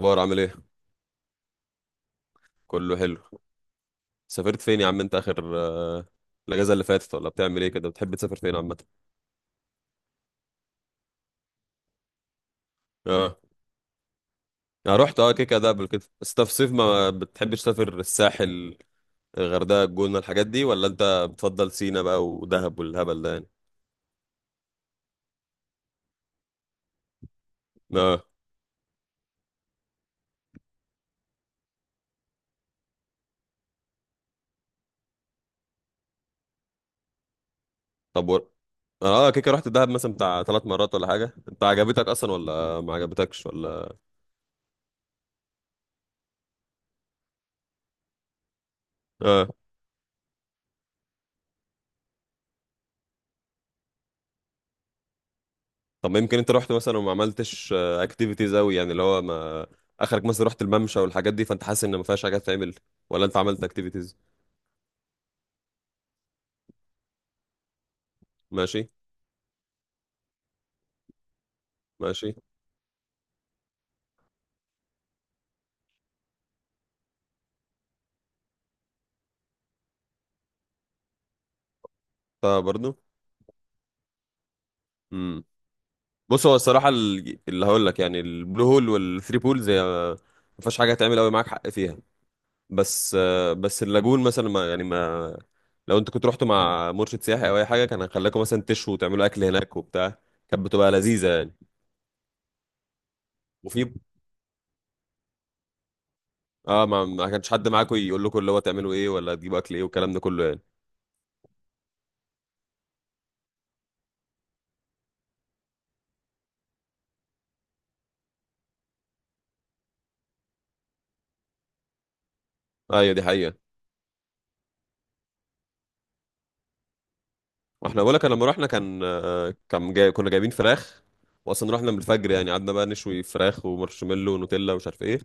اخبار عامل ايه؟ كله حلو. سافرت فين يا عم انت اخر الاجازه اللي فاتت، ولا بتعمل ايه كده؟ بتحب تسافر فين عامه؟ اه. انا رحت كده قبل كده. بس انت في صيف ما بتحبش تسافر الساحل، الغردقه، الجونه، الحاجات دي؟ ولا انت بتفضل سينا بقى ودهب والهبل ده يعني؟ اه. طب كده رحت دهب مثلا بتاع ثلاث مرات ولا حاجه؟ انت عجبتك اصلا ولا ما عجبتكش ولا؟ اه. طب يمكن انت رحت مثلا وما عملتش اكتيفيتيز قوي، يعني اللي هو، ما اخرك مثلا رحت الممشى والحاجات دي، فانت حاسس ان ما فيهاش حاجه تعمل؟ ولا انت عملت اكتيفيتيز؟ ماشي. ماشي. طب برضو. امم بص، هو الصراحه اللي هقول لك يعني، البلو هول والثري بولز هي ما فيهاش حاجه تعمل قوي، معاك حق فيها. بس بس اللاجون مثلا، ما يعني ما لو انت كنت رحت مع مرشد سياحي او اي حاجه، كان هيخليكم مثلا تشوا وتعملوا اكل هناك وبتاع، كانت بتبقى لذيذه يعني. وفي. ما كانش حد معاكم يقول لكم اللي هو تعملوا ايه ولا تجيبوا اكل ايه والكلام ده كله يعني؟ ايوه، دي حقيقه. واحنا بقولك، أنا لما رحنا كان كان جاي، كنا جايبين فراخ، واصلا رحنا من الفجر، يعني قعدنا بقى نشوي فراخ ومارشميلو ونوتيلا ومش عارف ايه،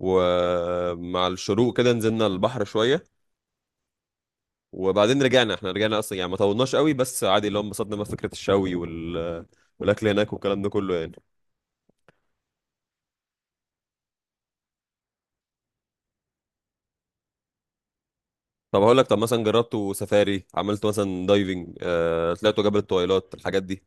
ومع الشروق كده نزلنا البحر شويه، وبعدين رجعنا. احنا رجعنا اصلا يعني، ما طولناش قوي، بس عادي اللي هو انبسطنا بقى في فكره الشوي والاكل هناك والكلام ده كله يعني. طب هقول لك، طب مثلا جربتوا سفاري، عملتوا مثلا دايفنج، طلعتوا جبل الطويلات، الحاجات دي؟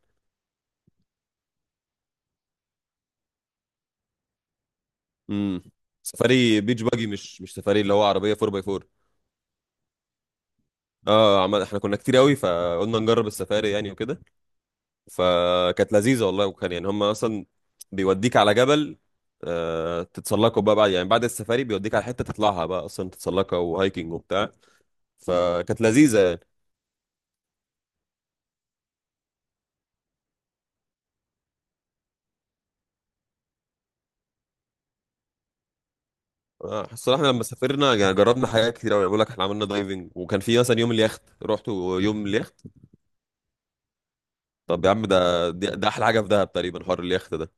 امم سفاري بيتش باجي، مش سفاري اللي هو عربيه 4 باي 4. اه، احنا كنا كتير قوي فقلنا نجرب السفاري يعني وكده، فكانت لذيذه والله، وكان يعني هم اصلا بيوديك على جبل، آه، تتسلقوا بقى بعد يعني، بعد السفاري بيوديك على حته تطلعها بقى، اصلا تتسلقها، وهايكنج وبتاع، فكانت لذيذه يعني. الصراحه احنا لما سافرنا، يعني جربنا حاجات كتير قوي، بقول لك احنا عملنا دايفنج، وكان في مثلا يوم اليخت، رحت يوم اليخت. طب يا عم، ده احلى حاجه في دهب تقريبا، حوار اليخت ده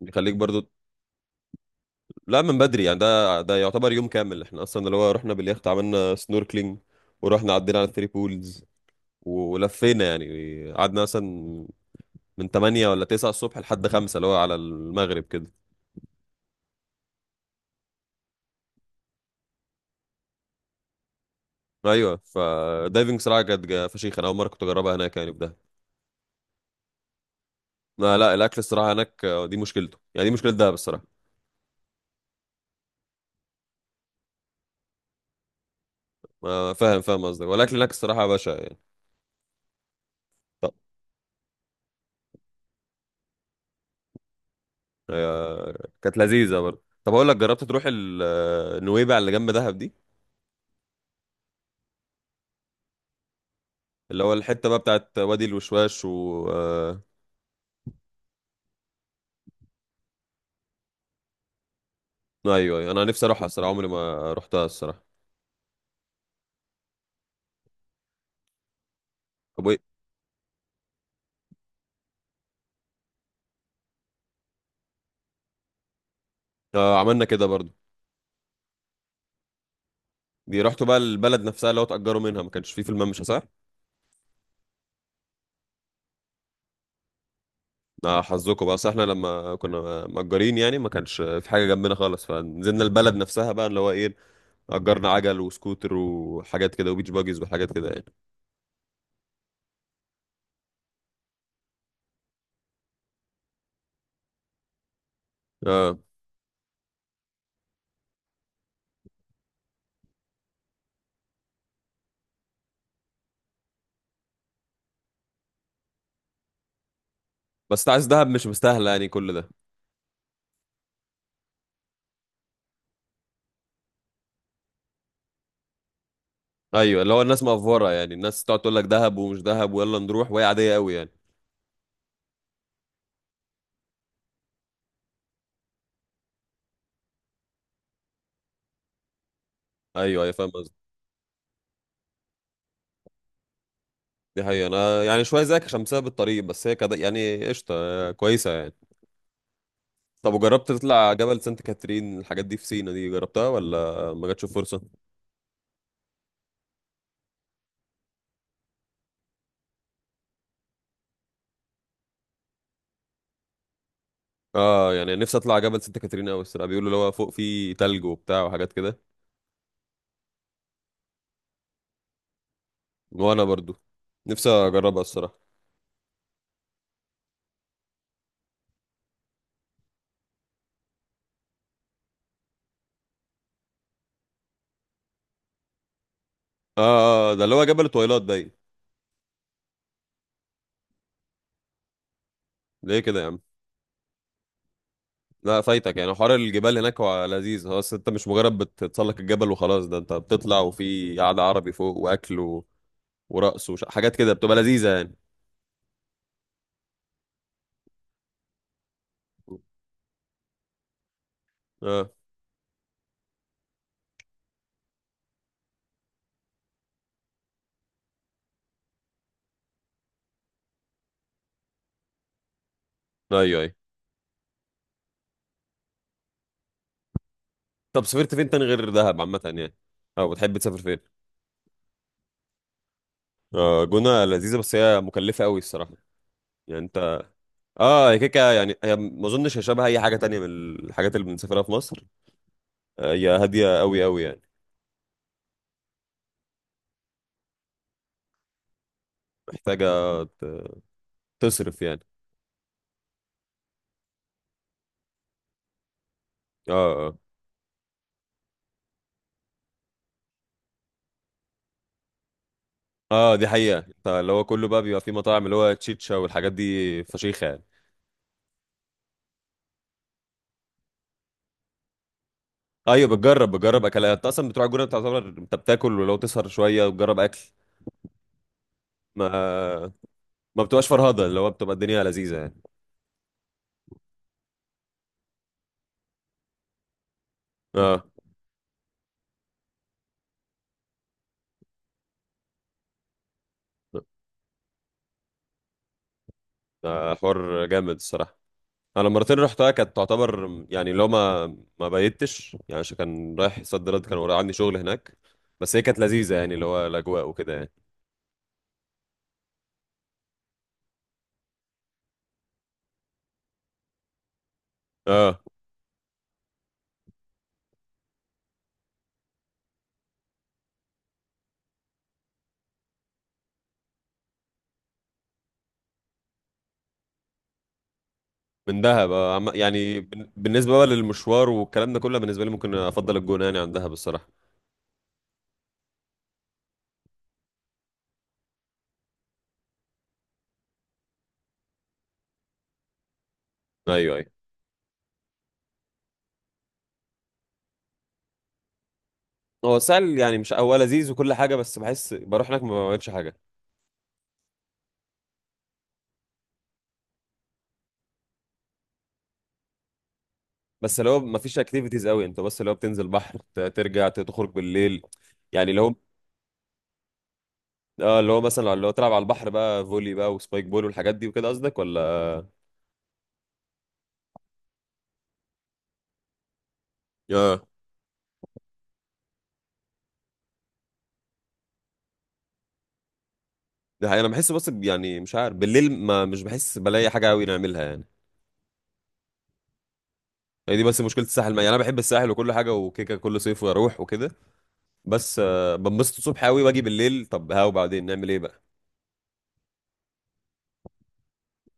بيخليك برضو. لا، من بدري يعني، ده يعتبر يوم كامل، احنا اصلا اللي هو رحنا باليخت عملنا سنوركلينج، ورحنا عدينا على الثري بولز، ولفينا يعني قعدنا مثلا من 8 ولا 9 الصبح لحد 5 اللي هو على المغرب كده. ايوه، فدايفنج صراحه كانت فشيخه، انا اول مره كنت اجربها هناك يعني في دهب. ما لا، الاكل الصراحه هناك، دي مشكلته يعني، دي مشكله دهب الصراحه. ما فاهم فاهم قصدك، والاكل هناك الصراحه يا باشا يعني. طب كانت لذيذه برضه. طب اقول لك، جربت تروح نويبع اللي جنب دهب دي؟ اللي هو الحتة بقى بتاعت وادي الوشواش. و آه، ايوه، أيوة. انا نفسي اروحها الصراحة، عمري ما رحتها الصراحة. طب وايه؟ آه، عملنا كده برضو. دي رحتوا بقى البلد نفسها اللي هو اتأجروا منها؟ ما كانش فيه في الممشى صح؟ آه، حظكم بقى، أصل احنا لما كنا مأجرين يعني ما كانش في حاجة جنبنا خالص، فنزلنا البلد نفسها بقى اللي هو ايه، أجرنا عجل وسكوتر وحاجات كده وبيتش باجيز وحاجات كده يعني. اه. بس انت عايز دهب مش مستاهلة يعني كل ده؟ ايوه اللي هو الناس مأفورة يعني، الناس تقعد تقول لك دهب ومش دهب ويلا نروح، وهي عادية قوي يعني. ايوه ايوه، فاهم. دي حقيقة، أنا يعني شوية زيك عشان بسبب الطريق، بس هي كده يعني قشطة كويسة يعني. طب وجربت تطلع جبل سانت كاترين، الحاجات دي في سينا دي جربتها ولا ما جاتش فرصة؟ اه، يعني نفسي اطلع جبل سانت كاترين أوي الصراحة، بيقولوا اللي هو فوق فيه تلج وبتاع وحاجات كده. وأنا برضو نفسي أجربها الصراحة. اه. آه، ده اللي هو جبل التويلات باين. ليه كده يا عم؟ لا، فايتك يعني، حوار الجبال هناك هو لذيذ، هو بس انت مش مجرد بتتسلق الجبل وخلاص، ده انت بتطلع وفي قعدة عربي فوق واكل ورقص حاجات كده بتبقى لذيذة يعني. اه، ايوه ايوه. طب سافرت فين تاني غير دهب عامة يعني، او بتحب تسافر فين؟ آه، جونة لذيذة، بس هي مكلفة قوي الصراحة. يعني انت، اه، هي كيكة يعني، هي ما اظنش هي شبه اي حاجة تانية من الحاجات اللي بنسافرها في مصر. آه، هي هادية قوي قوي يعني. محتاجة ت- تصرف يعني. اه. اه. اه، دي حقيقة، انت اللي هو كله بقى بيبقى فيه مطاعم، اللي هو تشيتشا والحاجات دي، فشيخة يعني. ايوه، بتجرب اكلات، انت اصلا بتروح الجونة بتعتبر انت بتاكل، ولو تسهر شوية وتجرب اكل، ما ما بتبقاش فرهضة، اللي هو بتبقى الدنيا لذيذة يعني. اه. ده حوار جامد الصراحة. أنا المرتين اللي رحتها كانت تعتبر يعني، لو ما بيتش يعني، عشان كان رايح صد رد، كان ورايا عندي شغل هناك، بس هي كانت لذيذة يعني اللي هو الأجواء وكده يعني. اه. من دهب، يعني، بالنسبة بقى للمشوار والكلام ده كله، بالنسبة لي ممكن أفضل الجونة يعني عن دهب الصراحة. أيوه أيوه. هو سهل يعني، مش هو لذيذ وكل حاجة، بس بحس بروح هناك ما بعملش حاجة. بس اللي هو ما فيش اكتيفيتيز قوي، انت بس اللي هو بتنزل بحر، ترجع، تخرج بالليل. يعني لو، اه اللي هو مثلا اللي هو تلعب على البحر بقى فولي بقى وسبايك بول والحاجات دي وكده قصدك ولا؟ اه. ده حقيقة، انا بحس بس يعني مش عارف بالليل، ما مش بحس بلاقي حاجه قوي نعملها يعني. هي دي بس مشكله الساحل يعني، انا بحب الساحل وكل حاجه وكيكه كل صيف واروح وكده، بس بنبسط الصبح قوي واجي بالليل، طب ها وبعدين نعمل ايه بقى؟